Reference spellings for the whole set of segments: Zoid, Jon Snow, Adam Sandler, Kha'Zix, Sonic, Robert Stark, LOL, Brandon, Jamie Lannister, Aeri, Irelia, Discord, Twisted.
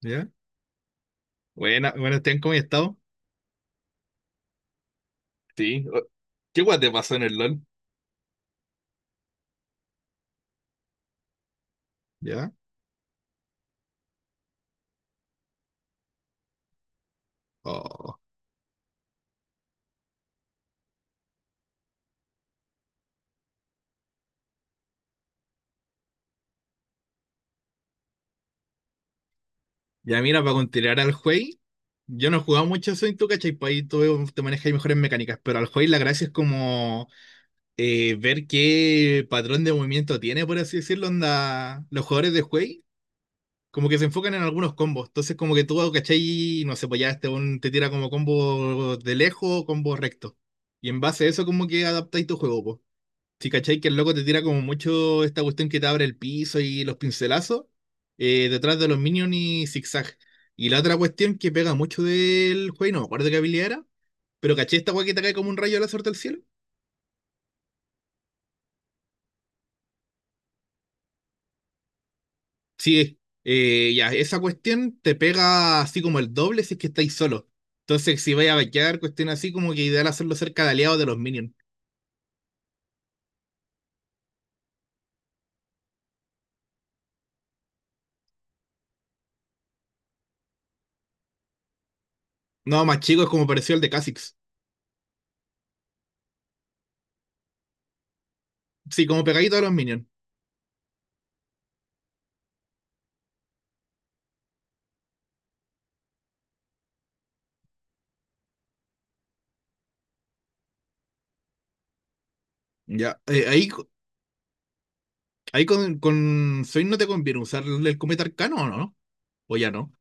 ¿Ya? Buena, bueno, Esteban, ¿cómo has estado? Sí. ¿Qué guay te pasó en el LOL? ¿Ya? Oh. Ya mira, para continuar al juez, yo no he jugado mucho Sonic, tú, ¿cachai? Pues ahí tú te manejas y mejores mecánicas, pero al juez la gracia es como ver qué patrón de movimiento tiene, por así decirlo, onda, los jugadores de juez, como que se enfocan en algunos combos, entonces como que tú, ¿cachai? No sé, pues ya este un, te tira como combo de lejos o combo recto, y en base a eso como que adaptáis tu juego. Si cachai que el loco te tira como mucho esta cuestión que te abre el piso y los pincelazos detrás de los minions y zigzag. Y la otra cuestión que pega mucho del juego, y no me acuerdo qué habilidad era, pero caché esta weá que te cae como un rayo láser del cielo. Sí, ya, esa cuestión te pega así como el doble si es que estáis solo. Entonces, si vais a vaquear, cuestión así como que ideal hacerlo cerca de aliados de los minions. No, más chico es como pareció el de Kha'Zix. Sí, como pegadito a los minions. Ya, ahí con Zoid no te conviene usar el cometa arcano, ¿o no? O ya no.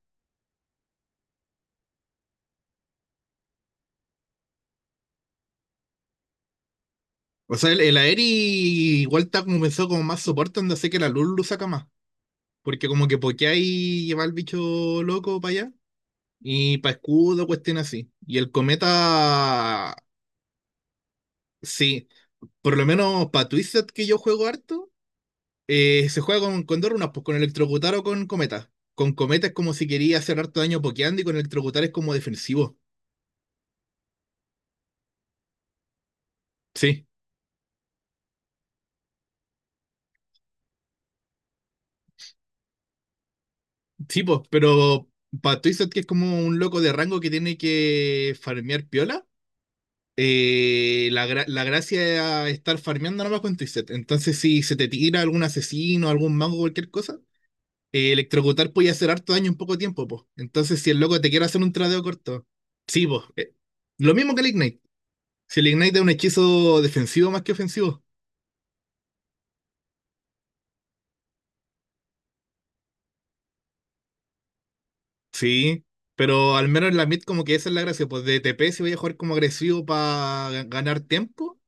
O sea, el Aeri igual está como pensado como más soporte, donde sé que la luz lo saca más. Porque como que pokea y lleva al bicho loco para allá. Y para escudo, cuestión así. Y el cometa, sí. Por lo menos para Twisted, que yo juego harto, se juega con dos runas, pues con electrocutar o con cometa. Con cometa es como si quería hacer harto daño pokeando y con electrocutar es como defensivo. Sí. Sí, pues, pero para Twisted, que es como un loco de rango que tiene que farmear piola, la gracia es estar farmeando nada más con Twisted. Entonces, si se te tira algún asesino, algún mago, cualquier cosa, electrocutar puede hacer harto daño en poco tiempo, pues. Entonces, si el loco te quiere hacer un tradeo corto, sí, pues. Lo mismo que el Ignite. Si el Ignite es un hechizo defensivo más que ofensivo. Sí, pero al menos en la mid como que esa es la gracia, pues de TP si voy a jugar como agresivo para ganar tiempo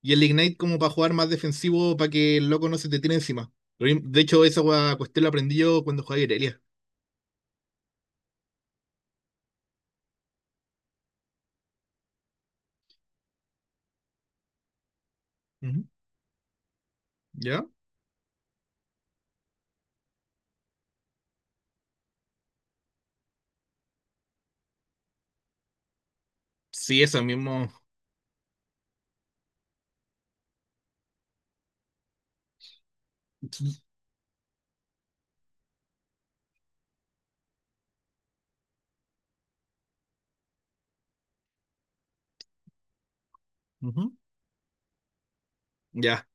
y el Ignite como para jugar más defensivo para que el loco no se te tire encima. Lo mismo- De hecho, esa cuestión la aprendí yo cuando jugaba Irelia. Ujú. ¿Ya? Sí, eso mismo. Ujú. Ya.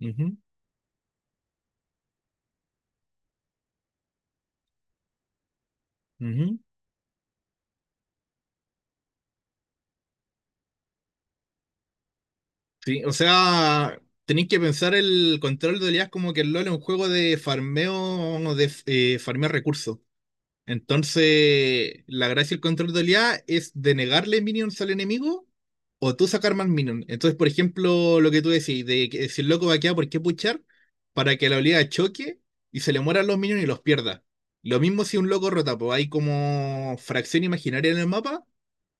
Ujú. Ujú. Sí, o sea, tenéis que pensar el control de oleadas como que el LoL es un juego de farmeo, de farmear recursos. Entonces, la gracia del control de oleada es denegarle minions al enemigo o tú sacar más minions. Entonces, por ejemplo, lo que tú decís, de que si el loco va a quedar, ¿por qué puchar? Para que la oleada choque y se le mueran los minions y los pierda. Lo mismo si un loco rota, pues hay como fracción imaginaria en el mapa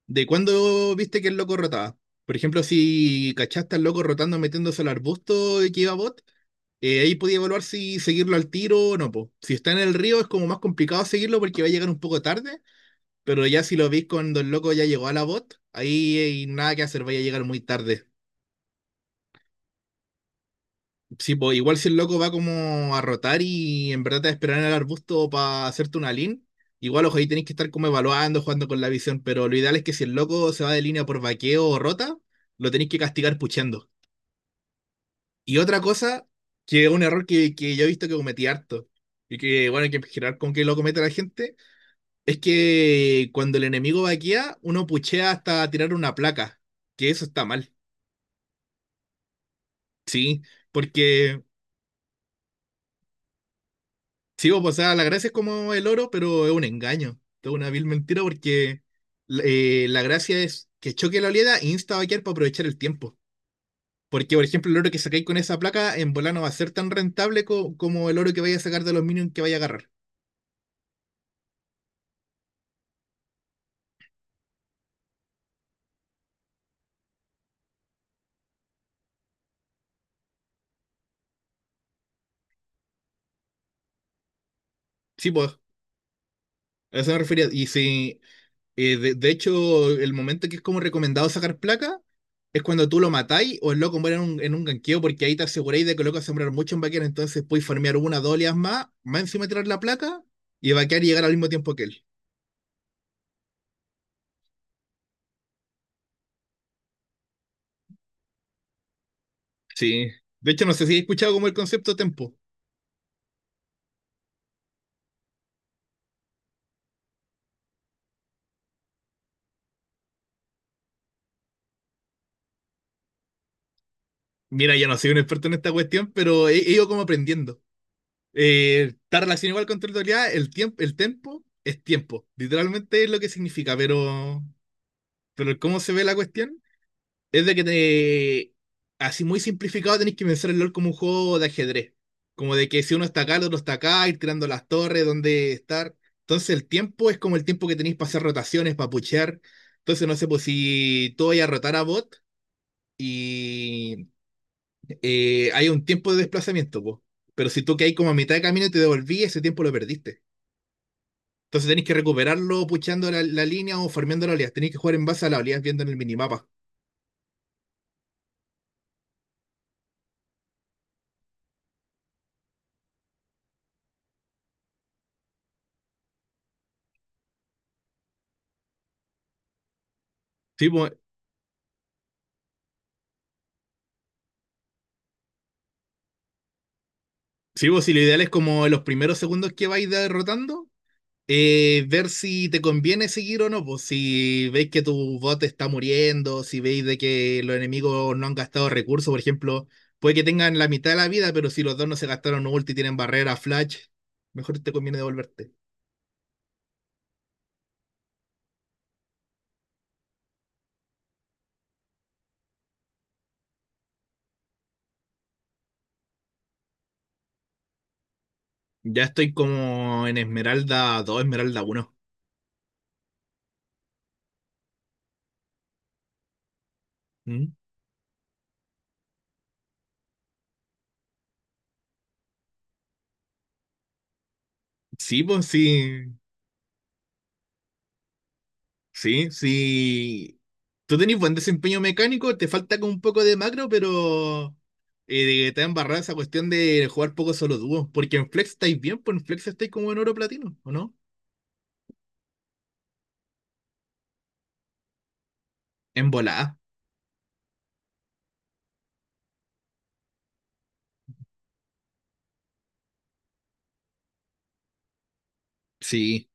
de cuando viste que el loco rotaba. Por ejemplo, si cachaste al loco rotando metiéndose al arbusto y que iba bot, ahí podía evaluar si seguirlo al tiro o no, po. Si está en el río es como más complicado seguirlo porque va a llegar un poco tarde, pero ya si lo veis cuando el loco ya llegó a la bot, ahí hay nada que hacer, vaya a llegar muy tarde. Sí, po, igual si el loco va como a rotar y en verdad te va a esperar en el arbusto para hacerte una lean, igual ojo, ahí tenéis que estar como evaluando, jugando con la visión, pero lo ideal es que si el loco se va de línea por vaqueo o rota, lo tenéis que castigar puchando. Y otra cosa, que es un error que yo he visto que cometí harto, y que bueno, hay que girar con que lo comete la gente, es que cuando el enemigo vaquea, uno puchea hasta tirar una placa, que eso está mal, sí, porque sí, pues, o sea, la gracia es como el oro, pero es un engaño, es una vil mentira porque la gracia es que choque la oleada e insta a vaquear para aprovechar el tiempo. Porque, por ejemplo, el oro que sacáis con esa placa en volano va a ser tan rentable como el oro que vaya a sacar de los minions que vaya a agarrar. Sí, pues, a eso me refería. Y si, de hecho, el momento que es como recomendado sacar placa es cuando tú lo matáis o el loco muere en un ganqueo, porque ahí te aseguráis de que el loco va a sembrar mucho en vaquero, entonces podéis farmear una, dos oleadas más, más encima tirar la placa y vaquear y llegar al mismo tiempo que él. Sí. De hecho, no sé si he escuchado como el concepto tempo. Mira, yo no soy un experto en esta cuestión, pero he ido como aprendiendo. Está relacionado igual con territorialidad, el tiempo, el tempo es tiempo. Literalmente es lo que significa, pero cómo se ve la cuestión. Es de que te. Así muy simplificado tenés que pensar el LOL como un juego de ajedrez. Como de que si uno está acá, el otro está acá, ir tirando las torres, dónde estar. Entonces el tiempo es como el tiempo que tenéis para hacer rotaciones, para puchear. Entonces no sé, pues si tú vayas a rotar a bot y hay un tiempo de desplazamiento, pues. Pero si tú que hay como a mitad de camino y te devolví, ese tiempo lo perdiste. Entonces tenéis que recuperarlo puchando la, la línea o farmeando la oleadas. Tenéis que jugar en base a las oleadas viendo en el minimapa. Sí, pues, sí, vos, si lo ideal es como en los primeros segundos que vais derrotando, ver si te conviene seguir o no, pues si veis que tu bot está muriendo, si veis de que los enemigos no han gastado recursos, por ejemplo, puede que tengan la mitad de la vida, pero si los dos no se gastaron ulti y tienen barrera, flash, mejor te conviene devolverte. Ya estoy como en Esmeralda 2 Esmeralda uno. ¿Mm? Sí, pues sí. Sí, sí. Tú tenés buen desempeño mecánico, te falta como un poco de macro, pero te ha embarrado esa cuestión de jugar poco solo dúo. Porque en Flex estáis bien, pues en Flex estáis como en oro platino, ¿o no? En volada. Sí.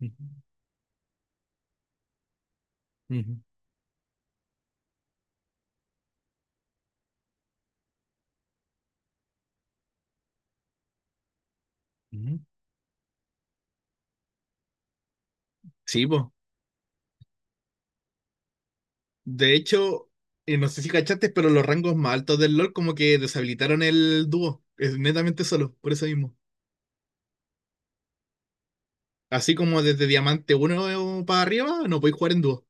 Ujú, ujú, ujú. Sí, pues. De hecho, no sé si cachaste, pero los rangos más altos del LoL como que deshabilitaron el dúo. Es netamente solo, por eso mismo. Así como desde Diamante uno para arriba, no podéis jugar en dúo.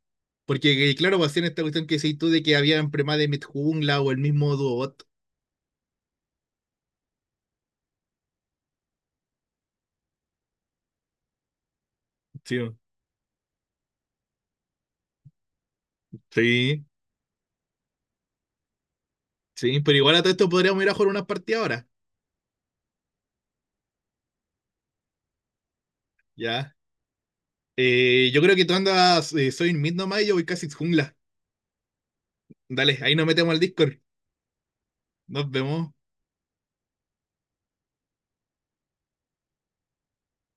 Porque, claro, va a ser esta cuestión que decís tú de que habían prema de Midjungla o el mismo Duobot. Sí, sí, sí, pero igual a todo esto podríamos ir a jugar unas partidas ahora. Ya. Yo creo que tú andas, soy mid nomás y yo voy casi jungla. Dale, ahí nos metemos al Discord. Nos vemos.